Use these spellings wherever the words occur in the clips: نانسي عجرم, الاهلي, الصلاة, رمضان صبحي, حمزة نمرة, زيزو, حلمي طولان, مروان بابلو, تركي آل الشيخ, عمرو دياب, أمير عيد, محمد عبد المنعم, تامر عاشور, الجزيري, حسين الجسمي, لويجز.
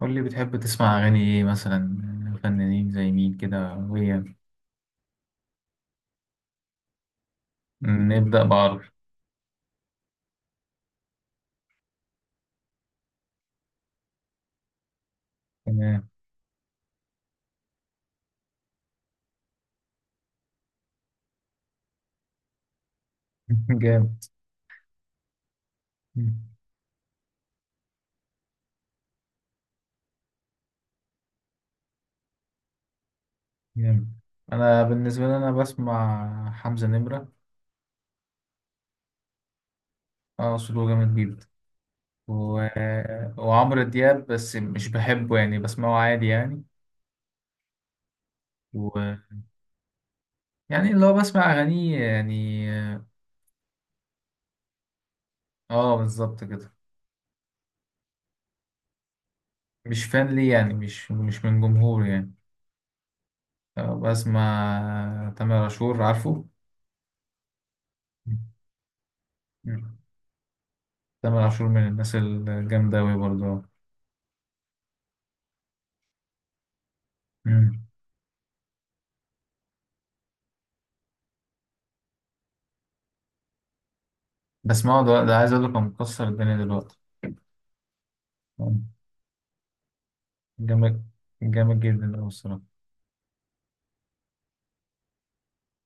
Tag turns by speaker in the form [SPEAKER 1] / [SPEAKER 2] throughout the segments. [SPEAKER 1] قول لي بتحب تسمع أغاني إيه مثلا، فنانين زي مين كده. وهي نبدأ بعربي. تمام. جامد. جامد. أنا بالنسبة لي أنا بسمع حمزة نمرة. أه، صوته جامد جدا. و... وعمرو دياب بس مش بحبه، يعني بسمعه عادي يعني. و... يعني اللي هو بسمع أغانيه يعني. أه بالظبط كده. مش فان ليه يعني، مش من جمهور يعني. بسمع تامر عاشور عارفه. تامر عاشور من الناس الجامدة أوي برضه. مم. بس ما هو ده, ده عايز أقول لك هو مكسر الدنيا دلوقتي. مم. جامد. جامد جدا أوي الصراحة.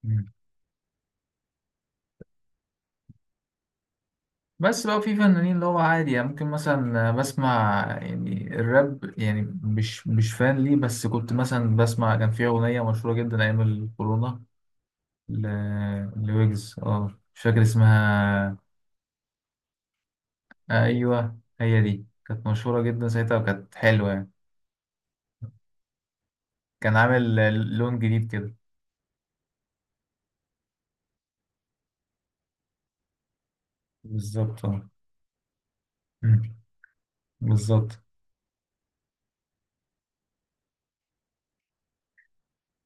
[SPEAKER 1] مم. بس بقى في فنانين اللي هو عادي يعني، ممكن مثلا بسمع يعني الراب يعني، مش فان ليه، بس كنت مثلا بسمع، كان في أغنية مشهورة جدا أيام الكورونا. ل... لويجز، اه مش فاكر اسمها. آه أيوه، هي دي كانت مشهورة جدا ساعتها وكانت حلوة يعني. كان عامل لون جديد كده. بالظبط اه. بالظبط.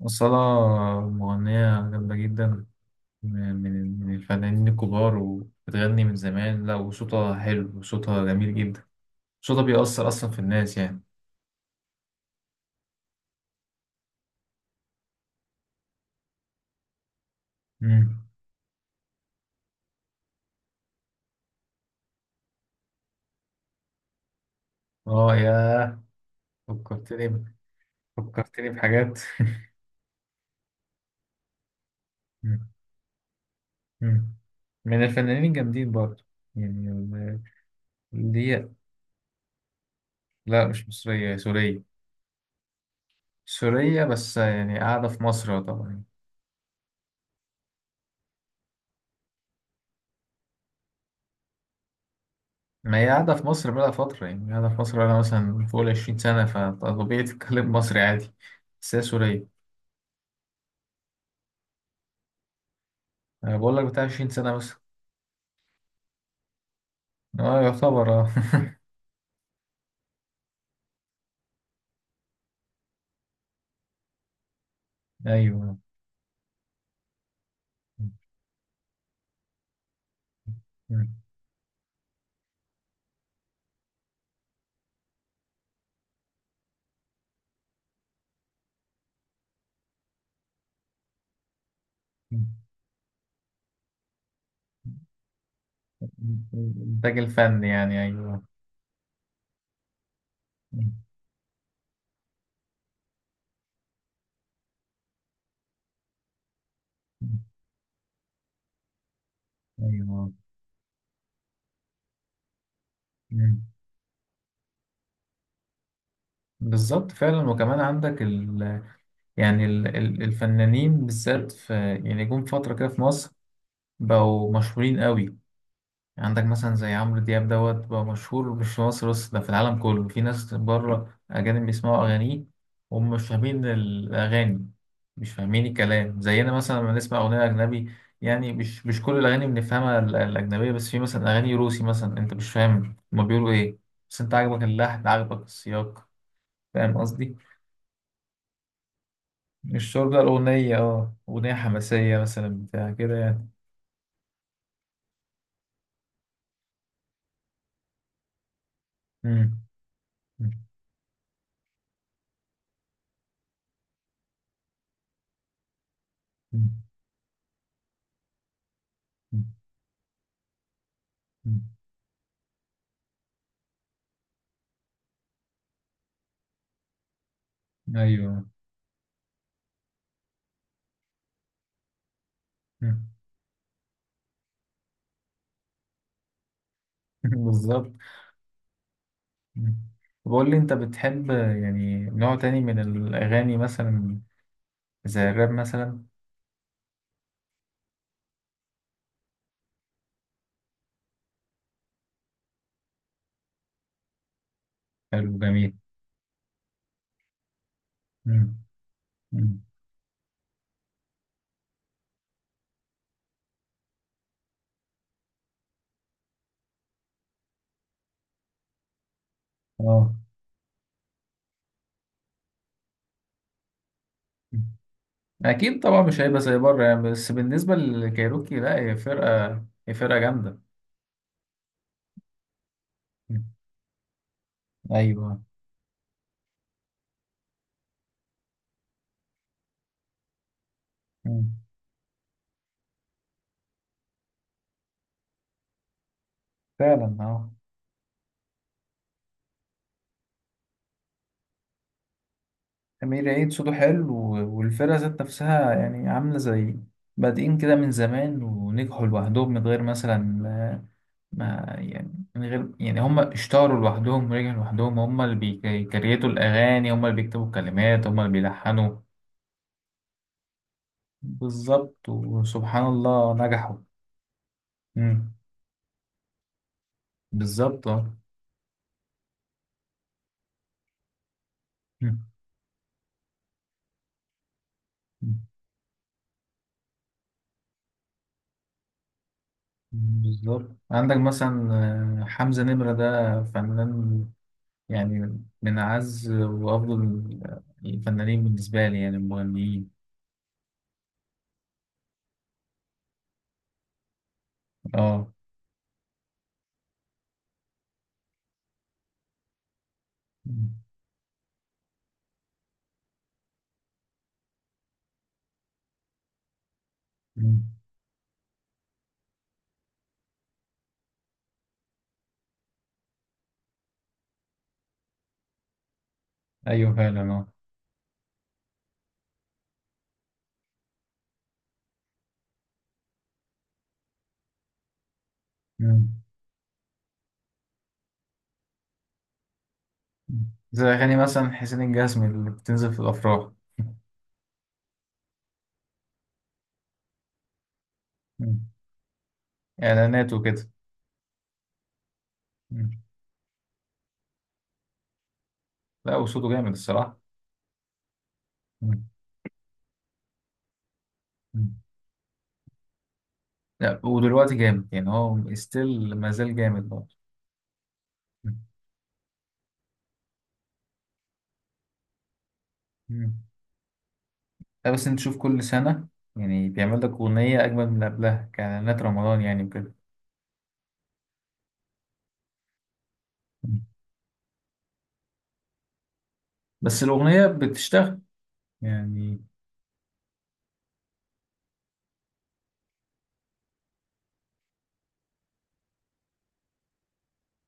[SPEAKER 1] الصلاة مغنية جامدة جدا. من الفنانين الكبار، وبتغني من زمان، لا وصوتها حلو وصوتها جميل جدا. صوتها بيأثر أصلا في الناس يعني. مم. اه يا، فكرتني ب- فكرتني بحاجات. مم. مم. من الفنانين الجامدين برضه. يعني اللي هي، لا مش مصرية، هي سورية. سورية بس يعني قاعدة في مصر طبعا. ما هي قاعدة في مصر بقى فترة، يعني قاعدة في مصر بقى مثلا فوق 20 سنة، فطبيعي تتكلم مصري عادي. بس هي سورية. أنا بقول لك بتاع 20 سنة مثلا. اه يعتبر اه. أيوه. الإنتاج الفني يعني، أيوه أيوه. بالظبط فعلا. وكمان عندك يعني الفنانين بالذات في، يعني جم فترة كده في مصر بقوا مشهورين قوي. عندك مثلا زي عمرو دياب، دوت بقى مشهور مش في مصر بس، ده في العالم كله، في ناس بره أجانب بيسمعوا أغانيه وهم مش فاهمين الأغاني. مش فاهمين الكلام، زينا مثلا لما نسمع أغنية أجنبي. يعني مش كل الأغاني بنفهمها، الأجنبية، بس في مثلا أغاني روسي مثلا، أنت مش فاهم هما بيقولوا إيه، بس أنت عاجبك اللحن عاجبك السياق. فاهم قصدي؟ الشعور ده، الأغنية أه، أغنية حماسية مثلا بتاع كده يعني. مم. مم. مم. مم. أيوه. مم. بالظبط. مم. بقول لي انت بتحب يعني نوع تاني من الاغاني مثلا، زي الراب مثلا. حلو جميل. مم. مم. اه. مم. اكيد طبعا مش هيبقى زي بره يعني، بس بالنسبه للكايروكي لا، هي فرقه، هي فرقه جامده. مم. ايوه. مم. فعلا اه. امير عيد صوته حلو، والفرقه ذات نفسها يعني عامله زي، بادئين كده من زمان ونجحوا لوحدهم من غير مثلا، ما يعني من غير يعني، هم اشتهروا لوحدهم ورجعوا لوحدهم، هم اللي بيكريتوا الأغاني، هم اللي بيكتبوا الكلمات، هم اللي بيلحنوا. بالظبط وسبحان الله نجحوا. مم. بالظبط اه. مم. مم. بالظبط. عندك مثلا حمزة نمرة، ده فنان يعني من أعز وأفضل الفنانين بالنسبة لي، يعني المغنيين. اه. مم. مم. أيوه فعلا اه. زي أغاني مثلا حسين الجسمي اللي بتنزل في الأفراح. مم. إعلانات وكده. مم. لا وصوته جامد الصراحة. مم. مم. لا ودلوقتي جامد يعني، هو ستيل ما زال جامد برضه. مم. مم. لا بس أنت تشوف كل سنة، يعني بيعمل لك أغنية أجمل من اللي قبلها كإعلانات رمضان يعني وكده. مم. بس الأغنية بتشتغل يعني.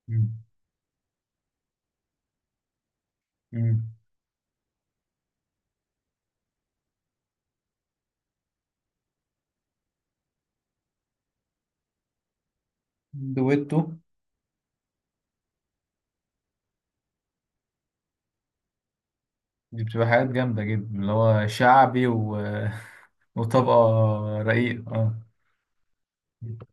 [SPEAKER 1] مم. مم. دويتو. دي بتبقى حاجات جامدة جدا، اللي هو شعبي و... وطبقة رقيقة. اه.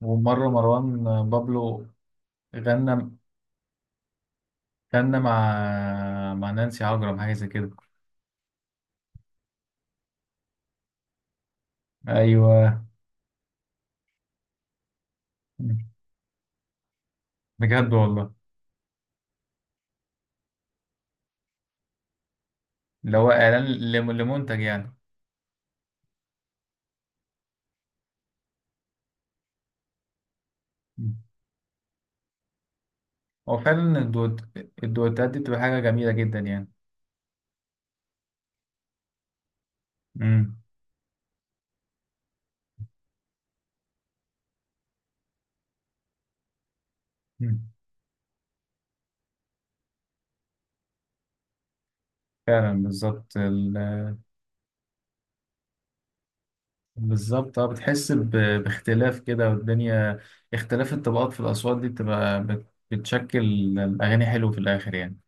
[SPEAKER 1] ومرة مروان بابلو، غنى غنى مع، مع نانسي عجرم، حاجة زي كده. أيوه. بجد والله. اللي هو إعلان، لمنتج يعني. مم. هو فعلا الدوت، الدوتات دي بتبقى حاجة جميلة جدا يعني. مم. مم. فعلا بالظبط بالظبط اه. بتحس ب... باختلاف كده والدنيا، اختلاف الطبقات في الأصوات دي بتبقى بتشكل الأغاني حلو في الآخر يعني.